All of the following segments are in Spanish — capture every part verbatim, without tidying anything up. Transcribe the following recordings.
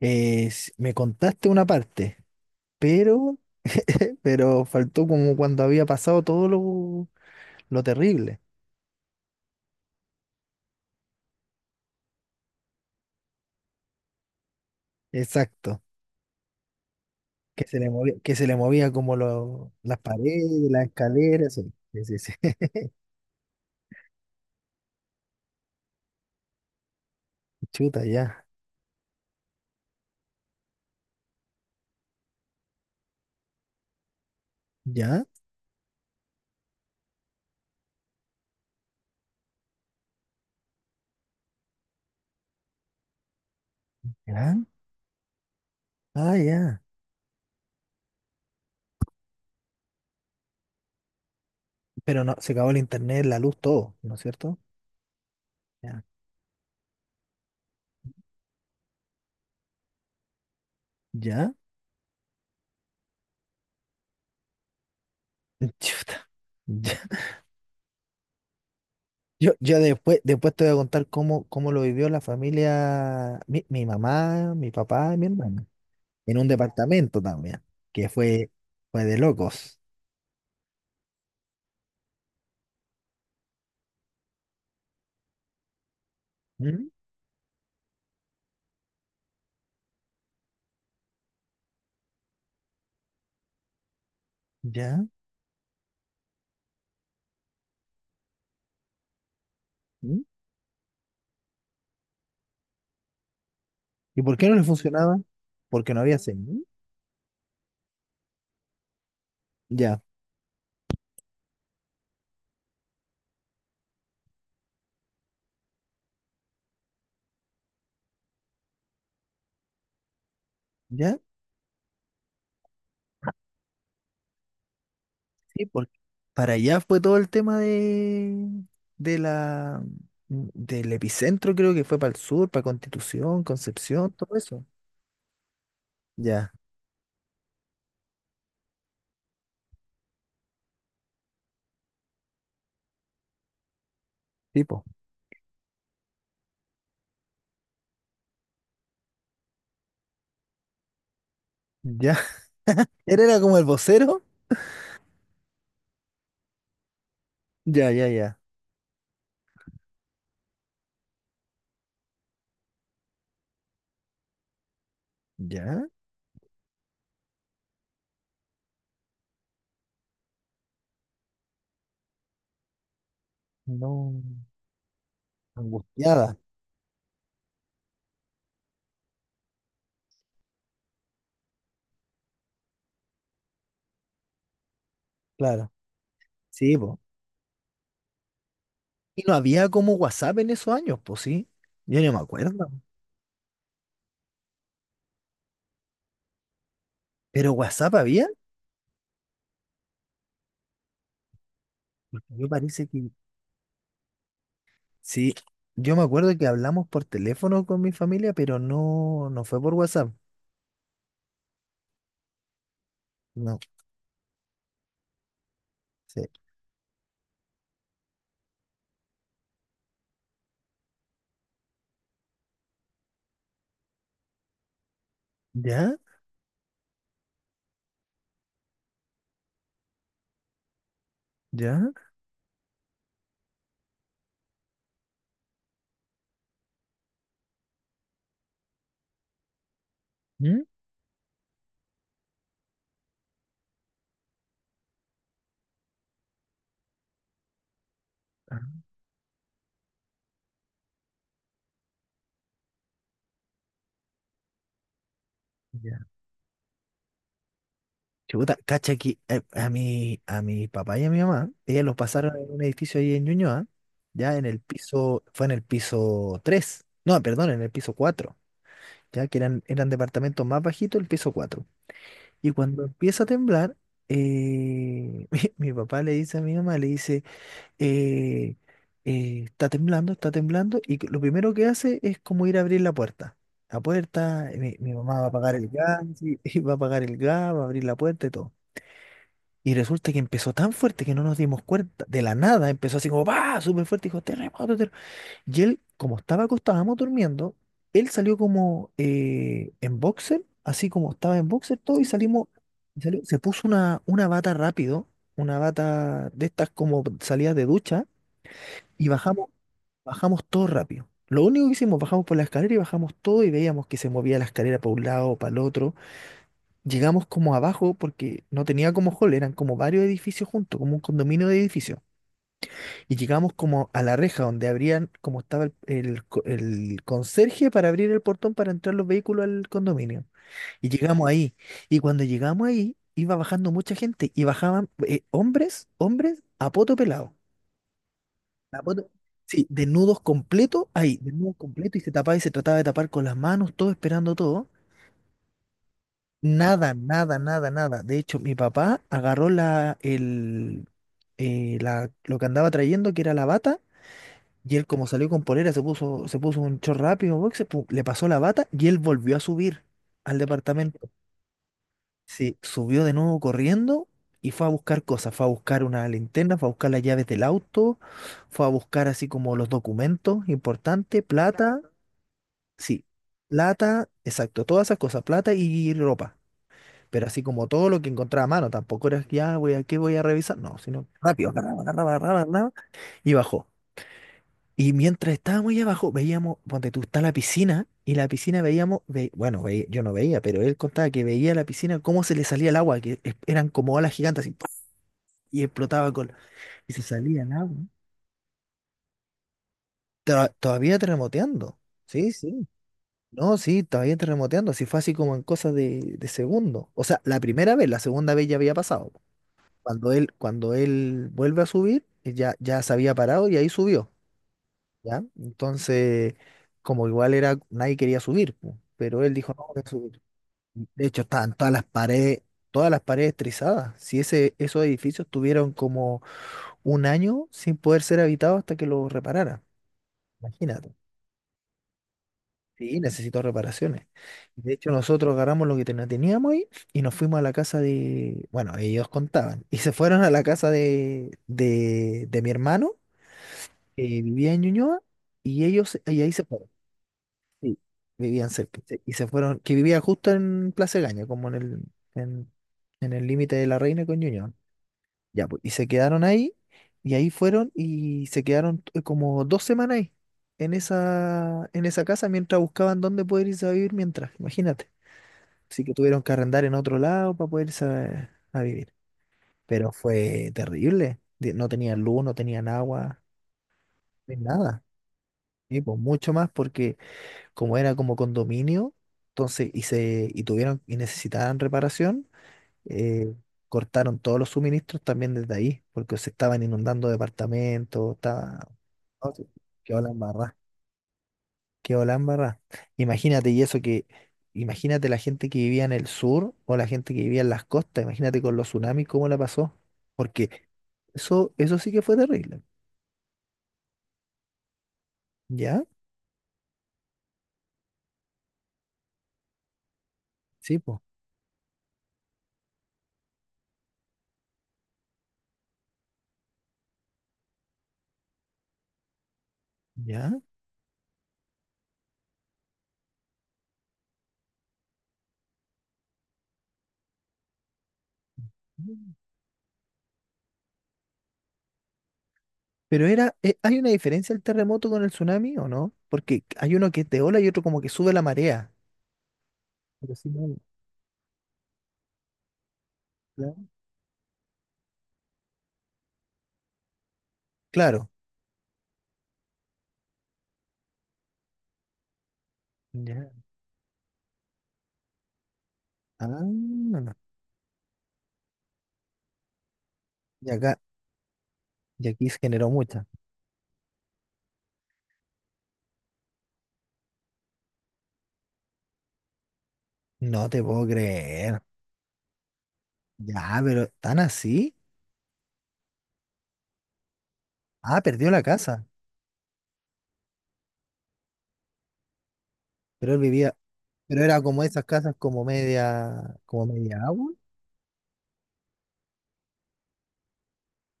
Es- me contaste una parte, pero, pero faltó como cuando había pasado todo lo, lo terrible. Exacto. Que se le movía, que se le movía como lo- las paredes, las escaleras. Sí, sí, sí. Chuta, ya. ¿Ya? ¿Ya? Ah, ya. Pero no, se acabó el internet, la luz, todo, ¿no es cierto? Ya. ¿Ya? Chuta. Ya. Yo, yo después, después te voy a contar cómo, cómo lo vivió la familia, mi, mi mamá, mi papá y mi hermana. En un departamento también, que fue, fue de locos. ¿Mm? ¿Ya? ¿Mm? ¿Y por qué no le funcionaba? Porque no había señal. Ya, ya, sí, porque para allá fue todo el tema de, de la, mm, del epicentro, creo que fue para el sur, para Constitución, Concepción, todo eso. Ya, tipo, ya. Él era como el vocero. Ya, ya, ya, ya. No, angustiada, claro. Sí, po. Y no había como WhatsApp en esos años, pues sí. Yo no me acuerdo. Pero WhatsApp había, porque yo parece que sí. Yo me acuerdo que hablamos por teléfono con mi familia, pero no, no fue por WhatsApp. No, sí. ¿Ya? ¿Ya? ¿Mm? Ah, ya. Chuta, cacha que eh, a mi, a mi papá y a mi mamá, ellos los pasaron en un edificio ahí en Ñuñoa, ya en el piso, fue en el piso tres. No, perdón, en el piso cuatro. Ya que eran, eran departamentos más bajitos, el piso cuatro. Y cuando empieza a temblar, eh, mi, mi papá le dice a mi mamá, le dice, eh, eh, está temblando, está temblando, y lo primero que hace es como ir a abrir la puerta. La puerta, eh, mi, mi mamá va a apagar el gas, y- y va a apagar el gas, va a abrir la puerta y todo. Y resulta que empezó tan fuerte que no nos dimos cuenta. De la nada empezó así como, va, súper fuerte, dijo, terremoto, terremoto. Y él, como estaba acostado, estábamos durmiendo, él salió como eh, en boxer, así como estaba en boxer todo, y salimos, y salió- se puso una, una bata rápido, una bata de estas como salidas de ducha y bajamos, bajamos todo rápido. Lo único que hicimos, bajamos por la escalera y bajamos todo y veíamos que se movía la escalera para un lado, para el otro. Llegamos como abajo porque no tenía como hall, eran como varios edificios juntos, como un condominio de edificios. Y llegamos como a la reja donde abrían, como estaba el, el co- el conserje para abrir el portón para entrar los vehículos al condominio. Y llegamos ahí. Y cuando llegamos ahí, iba bajando mucha gente y bajaban eh, hombres, hombres a poto pelado. La foto- sí, desnudos completo, ahí, desnudos completos y se tapaba y se trataba de tapar con las manos, todo esperando todo. Nada, nada, nada, nada. De hecho, mi papá agarró la, el, eh, la, lo que andaba trayendo, que era la bata, y él como salió con polera, se puso, se puso un short rápido, boxer, pum, le pasó la bata y él volvió a subir al departamento. Sí, subió de nuevo corriendo y fue a buscar cosas. Fue a buscar una linterna, fue a buscar las llaves del auto, fue a buscar así como los documentos importantes, plata, sí, plata, exacto, todas esas cosas, plata y ropa. Pero así como todo lo que encontraba a mano, tampoco era que ya voy a qué voy a revisar, no, sino rápido, agarraba, agarraba, agarraba, agarraba, y bajó. Y mientras estábamos ahí abajo, veíamos, donde tú está la piscina, y la piscina veíamos, ve- bueno, ve- yo no veía, pero él contaba que veía la piscina cómo se le salía el agua, que es- eran como olas gigantes, así, ¡puf! Y explotaba con, y se salía el agua. Tra- todavía terremoteando, sí, sí, no, sí, todavía terremoteando, así fue así como en cosas de, de segundo. O sea, la primera vez, la segunda vez ya había pasado. Cuando él, cuando él vuelve a subir, ya, ya se había parado y ahí subió. ¿Ya? Entonces, como igual era, nadie quería subir, pu, pero él dijo, no, voy a subir. De hecho, estaban todas las paredes, todas las paredes trizadas. Si ese, esos edificios tuvieron como un año sin poder ser habitados hasta que los repararan. Imagínate. Sí, necesito reparaciones. De hecho, nosotros agarramos lo que ten- teníamos ahí y nos fuimos a la casa de, bueno, ellos contaban. Y se fueron a la casa de, de, de mi hermano, que vivía en Ñuñoa, y ellos, y ahí se fueron. Sí, vivían cerca. se- Y se fueron, que vivía justo en Plaza Gaña, como en el, en, en el límite de La Reina con Ñuñoa. Ya, pues, y se quedaron ahí, y ahí fueron y se quedaron t- como dos semanas ahí, en esa, en esa casa, mientras buscaban dónde poder irse a vivir mientras, imagínate. Así que tuvieron que arrendar en otro lado para poder irse a, a vivir. Pero fue terrible. de- No tenían luz, no tenían agua, no tenían nada. Y pues mucho más porque como era como condominio, entonces y se y tuvieron y necesitaban reparación, eh, cortaron todos los suministros también desde ahí, porque se estaban inundando departamentos, estaba no, sí, quedó la embarrá, quedó la embarrá. Imagínate y eso que imagínate la gente que vivía en el sur o la gente que vivía en las costas, imagínate con los tsunamis cómo la pasó, porque eso eso sí que fue terrible, ¿ya? Sí, pues, ¿ya? Pero era, eh, ¿hay una diferencia el terremoto con el tsunami o no? Porque hay uno que te ola y otro como que sube la marea. Pero sí, no, claro. Claro. Ya. Ah, no. No. Y acá, y aquí se generó mucha. No te puedo creer. Ya, pero ¿tan así? Ah, perdió la casa. Pero él vivía, pero era como esas casas como media, como media agua,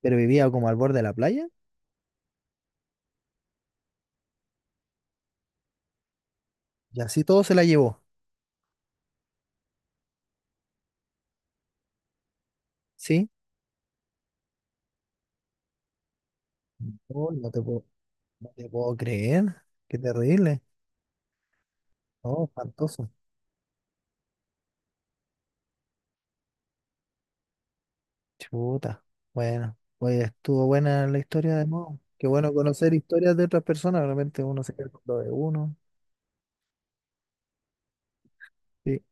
pero vivía como al borde de la playa. Y así todo se la llevó. ¿Sí? No, no te puedo, no te puedo creer. Qué terrible. No, espantoso. Chuta. Bueno, oye, estuvo buena la historia de Mo. Qué bueno conocer historias de otras personas. Realmente uno se queda con lo de uno. Sí.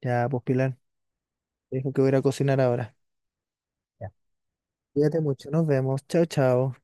Ya, pues Pilar, dijo que voy a ir a cocinar ahora. Ya. Cuídate mucho, nos vemos. Chao, chao.